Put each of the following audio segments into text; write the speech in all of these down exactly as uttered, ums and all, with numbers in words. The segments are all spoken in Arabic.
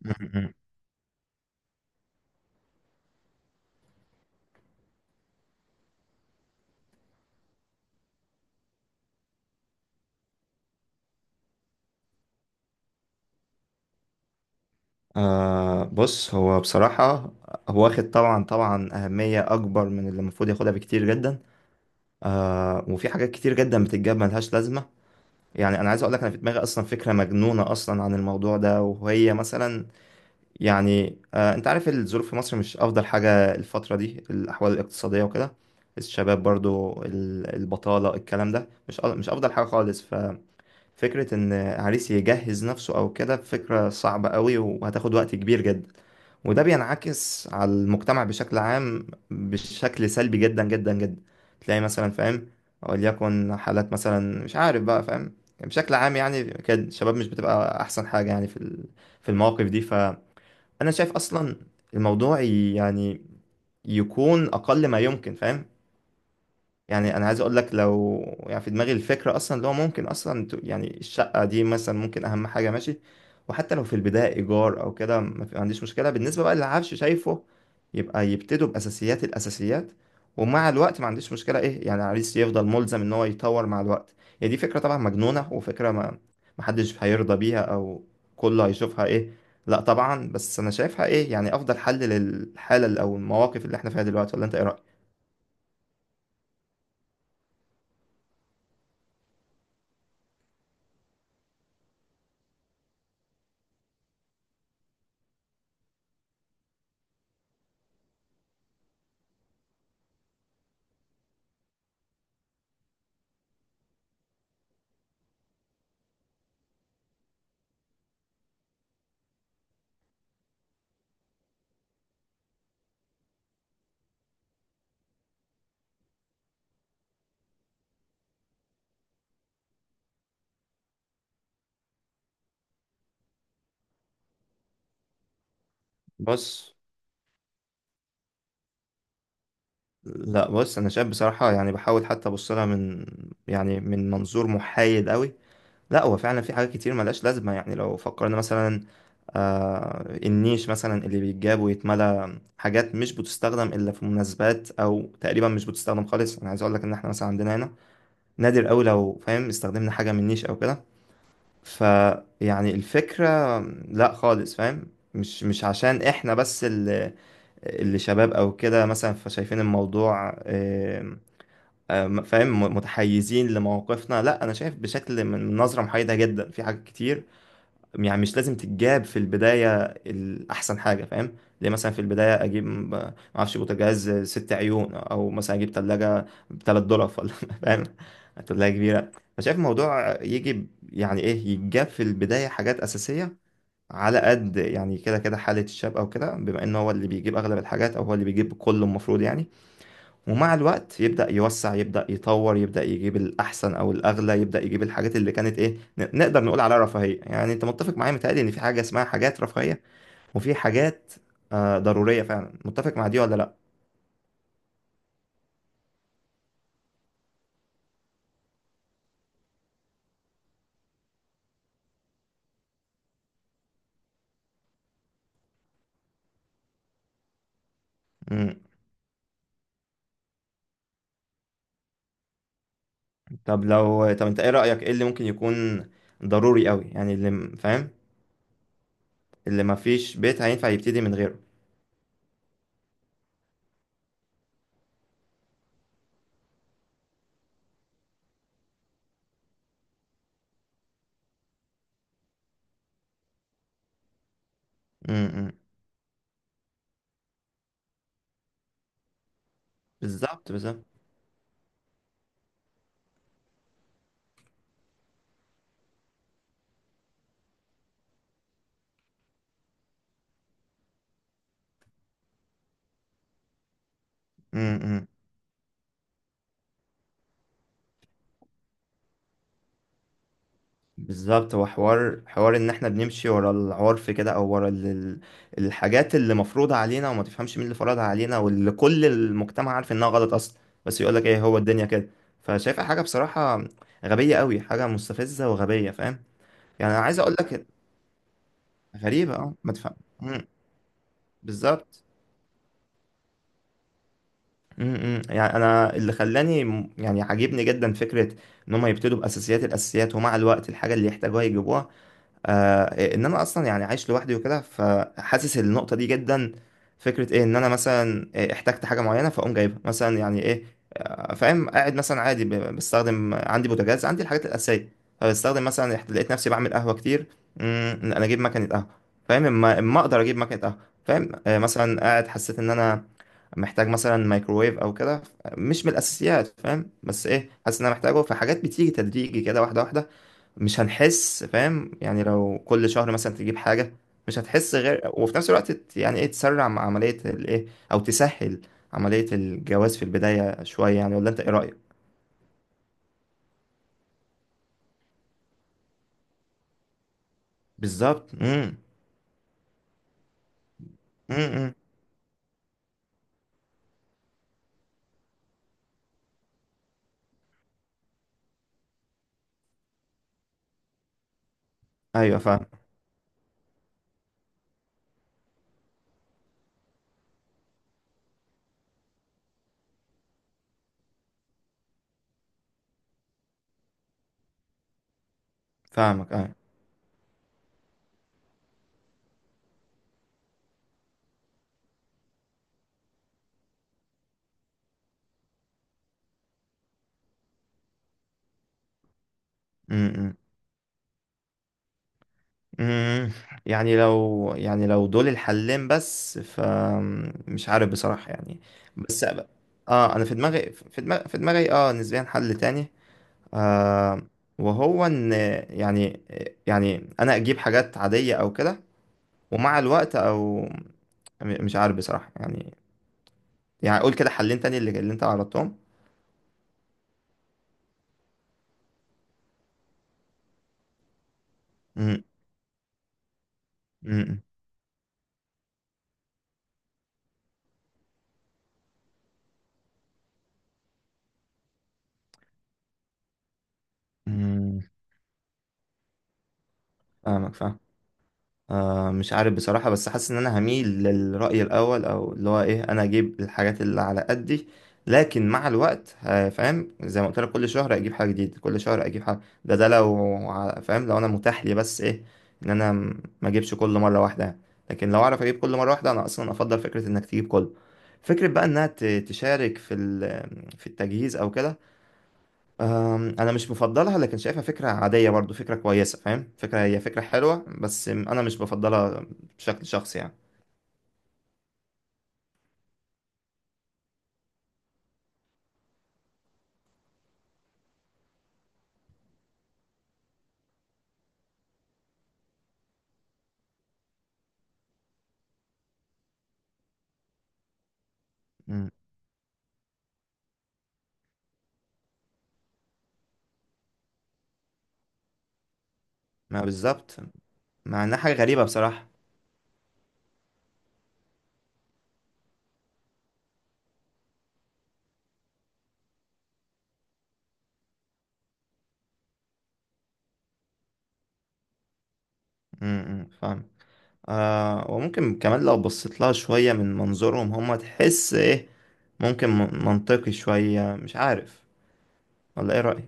م-م. آه بص، هو بصراحة هو واخد طبعا طبعا أهمية أكبر من اللي المفروض ياخدها بكتير جدا. آه وفي حاجات كتير جدا بتتجاب ملهاش لازمة. يعني أنا عايز أقول لك، أنا في دماغي أصلا فكرة مجنونة أصلا عن الموضوع ده، وهي مثلا يعني، آه أنت عارف الظروف في مصر مش أفضل حاجة، الفترة دي الأحوال الاقتصادية وكده، الشباب برضو ال- البطالة، الكلام ده مش أ- مش أفضل حاجة خالص. فكرة إن عريس يجهز نفسه أو كده فكرة صعبة قوي وهتاخد وقت كبير جدا، وده بينعكس على المجتمع بشكل عام بشكل سلبي جدا جدا جدا. تلاقي مثلا، فاهم، وليكن حالات مثلا مش عارف بقى، فاهم، بشكل عام يعني كده الشباب مش بتبقى أحسن حاجة يعني في ال- في المواقف دي. فأنا شايف أصلا الموضوع يعني يكون أقل ما يمكن، فاهم. يعني انا عايز اقول لك لو، يعني في دماغي الفكره اصلا اللي هو ممكن اصلا ت- يعني الشقه دي مثلا ممكن اهم حاجه، ماشي. وحتى لو في البدايه ايجار او كده، ما في- ما عنديش مشكله، بالنسبه بقى للعفش، شايفه، يبقى يبتدوا باساسيات الاساسيات. ومع الوقت ما عنديش مشكله، ايه يعني العريس يفضل ملزم ان هو يطور مع الوقت. هي دي فكره طبعا مجنونه، وفكره، ما ما حدش هيرضى بيها، او كله هيشوفها ايه، لا طبعا. بس انا شايفها ايه يعني افضل حل للحاله او المواقف اللي احنا فيها دلوقتي. ولا انت ايه رايك؟ بص، لا، بص، انا شايف بصراحه، يعني بحاول حتى ابص لها من يعني من منظور محايد قوي. لا، هو فعلا في حاجات كتير ملهاش لازمه. يعني لو فكرنا مثلا، آه النيش مثلا اللي بيتجاب ويتملى حاجات مش بتستخدم الا في مناسبات، او تقريبا مش بتستخدم خالص. انا عايز اقول لك ان احنا مثلا عندنا هنا نادر قوي لو، فاهم، استخدمنا حاجه من نيش او كده. فيعني الفكره، لا خالص، فاهم، مش مش عشان احنا بس اللي اللي شباب او كده مثلا فشايفين الموضوع، آه، فاهم، م- متحيزين لمواقفنا. لا، انا شايف بشكل من نظره محايده جدا في حاجات كتير. يعني مش لازم تتجاب في البدايه الاحسن حاجه، فاهم، ليه مثلا في البدايه اجيب م- ما اعرفش بوتاجاز ست عيون، او مثلا اجيب ثلاجه ب تلات دولار ولا فاهم، ثلاجه كبيره. فشايف الموضوع يجي ب- يعني ايه يتجاب في البدايه حاجات اساسيه على قد، يعني كده كده حاله الشاب او كده، بما ان هو اللي بيجيب اغلب الحاجات، او هو اللي بيجيب كله المفروض يعني. ومع الوقت يبدأ يوسع، يبدأ يطور، يبدأ يجيب الأحسن أو الأغلى، يبدأ يجيب الحاجات اللي كانت إيه ن- نقدر نقول عليها رفاهية. يعني أنت متفق معايا، متهيألي إن في حاجة اسمها حاجات رفاهية، وفي حاجات آه ضرورية فعلا. متفق مع دي ولا لأ؟ مم. طب لو، طب أنت إيه رأيك، إيه اللي ممكن يكون ضروري أوي، يعني اللي م- فاهم، اللي مفيش بيت هينفع يبتدي من غيره. مم. مم. بالظبط بالظبط. مم. مم. بالظبط، هو حوار، حوار ان احنا بنمشي ورا العرف كده، او ورا ال- ال- الحاجات اللي مفروضة علينا، وما تفهمش مين اللي فرضها علينا، واللي كل المجتمع عارف انها غلط اصلا. بس يقولك ايه، هو الدنيا كده. فشايفها حاجة بصراحة غبية قوي، حاجة مستفزة وغبية، فاهم. يعني انا عايز اقولك غريبة، اه ما تفهم، مم، بالظبط. مم، مم. يعني انا اللي خلاني، م- يعني عاجبني جدا فكرة ان هم يبتدوا باساسيات الاساسيات، ومع الوقت الحاجة اللي يحتاجوها يجيبوها. آه ان انا اصلا يعني عايش لوحدي وكده، فحاسس النقطه دي جدا. فكره ايه ان انا مثلا إيه احتجت حاجه معينه فاقوم جايبها، مثلا يعني ايه، آه، فاهم، قاعد مثلا عادي ب- بستخدم عندي بوتاجاز، عندي الحاجات الاساسيه. فبستخدم مثلا، إحت- لقيت نفسي بعمل قهوه كتير. مم، انا اجيب مكنه قهوه، فاهم، اما أما اقدر اجيب مكنه قهوه، فاهم. آه، مثلا قاعد حسيت ان انا محتاج مثلا مايكروويف او كده، مش من الاساسيات، فاهم، بس ايه حاسس ان انا محتاجه. فحاجات بتيجي تدريجي كده، واحده واحده، مش هنحس، فاهم، يعني لو كل شهر مثلا تجيب حاجة مش هتحس. غير وفي نفس الوقت ت- يعني ايه تسرع مع عملية الايه، او تسهل عملية الجواز في البداية شوية يعني. ولا انت ايه رأيك؟ بالظبط. امم. امم. ايوه. فاهم. فاهمك. ايوه. امم. امم. يعني لو، يعني لو دول الحلين بس، فمش عارف بصراحة يعني. بس، اه انا في دماغي في دماغي في دماغي اه نسبيا حل تاني، آه وهو ان، يعني، يعني انا اجيب حاجات عادية او كده، ومع الوقت، او م- مش عارف بصراحة يعني. يعني اقول كده حلين تاني اللي اللي انت عرضتهم. امم. امم. أمم. فاهمك. فاهم. آه مش عارف بصراحة، بس حاسس إن أنا هميل للرأي الأول، أو اللي هو إيه، أنا أجيب الحاجات اللي على قدي. لكن مع الوقت، آه، فاهم، زي ما قلت لك كل شهر أجيب حاجة جديدة، كل شهر أجيب حاجة، ده ده لو ع- فاهم، لو أنا متاح لي بس إيه إن أنا م- ما أجيبش كل مرة واحدة يعني. لكن لو أعرف أجيب كل مرة واحدة، أنا أصلا أفضل فكرة إنك تجيب كله. فكرة بقى إنها ت- تشارك في ال- في التجهيز أو كده، أم، انا مش مفضلها، لكن شايفها فكره عاديه برضو، فكره كويسه، فاهم، فكره، هي فكره حلوه، بس انا مش بفضلها بشكل شخصي يعني. مم. ما بالظبط، مع انها حاجه غريبه بصراحه. امم. فاهم. آه وممكن كمان لو بصيت لها شويه من منظورهم، هم تحس ايه، ممكن م- منطقي شويه، مش عارف، ولا ايه رايك؟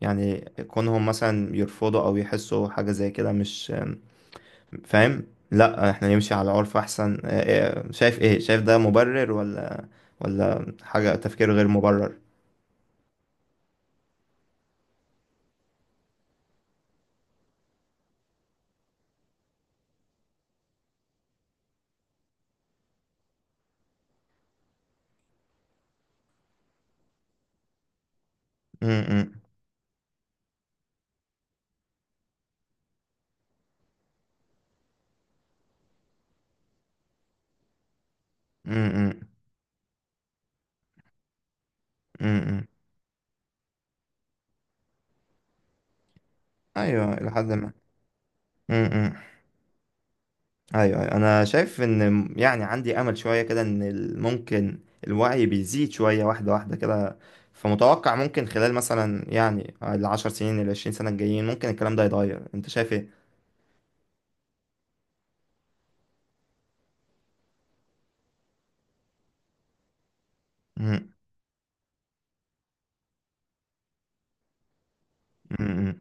يعني كونهم مثلا يرفضوا او يحسوا حاجه زي كده، مش، فاهم، لا احنا نمشي على عرف احسن. آه، آه، شايف ايه، شايف ده مبرر، ولا، ولا حاجة تفكير غير مبرر. امم. امم. امم. ايوه. الى حد ما. امم. ايوه أيوة. انا شايف ان م- يعني عندي امل شويه كده ان ال- ممكن الوعي بيزيد شويه واحده واحده كده. فمتوقع ممكن خلال مثلا يعني العشر سنين العشرين سنه الجايين ممكن الكلام ده يتغير، انت شايف ايه؟ امم.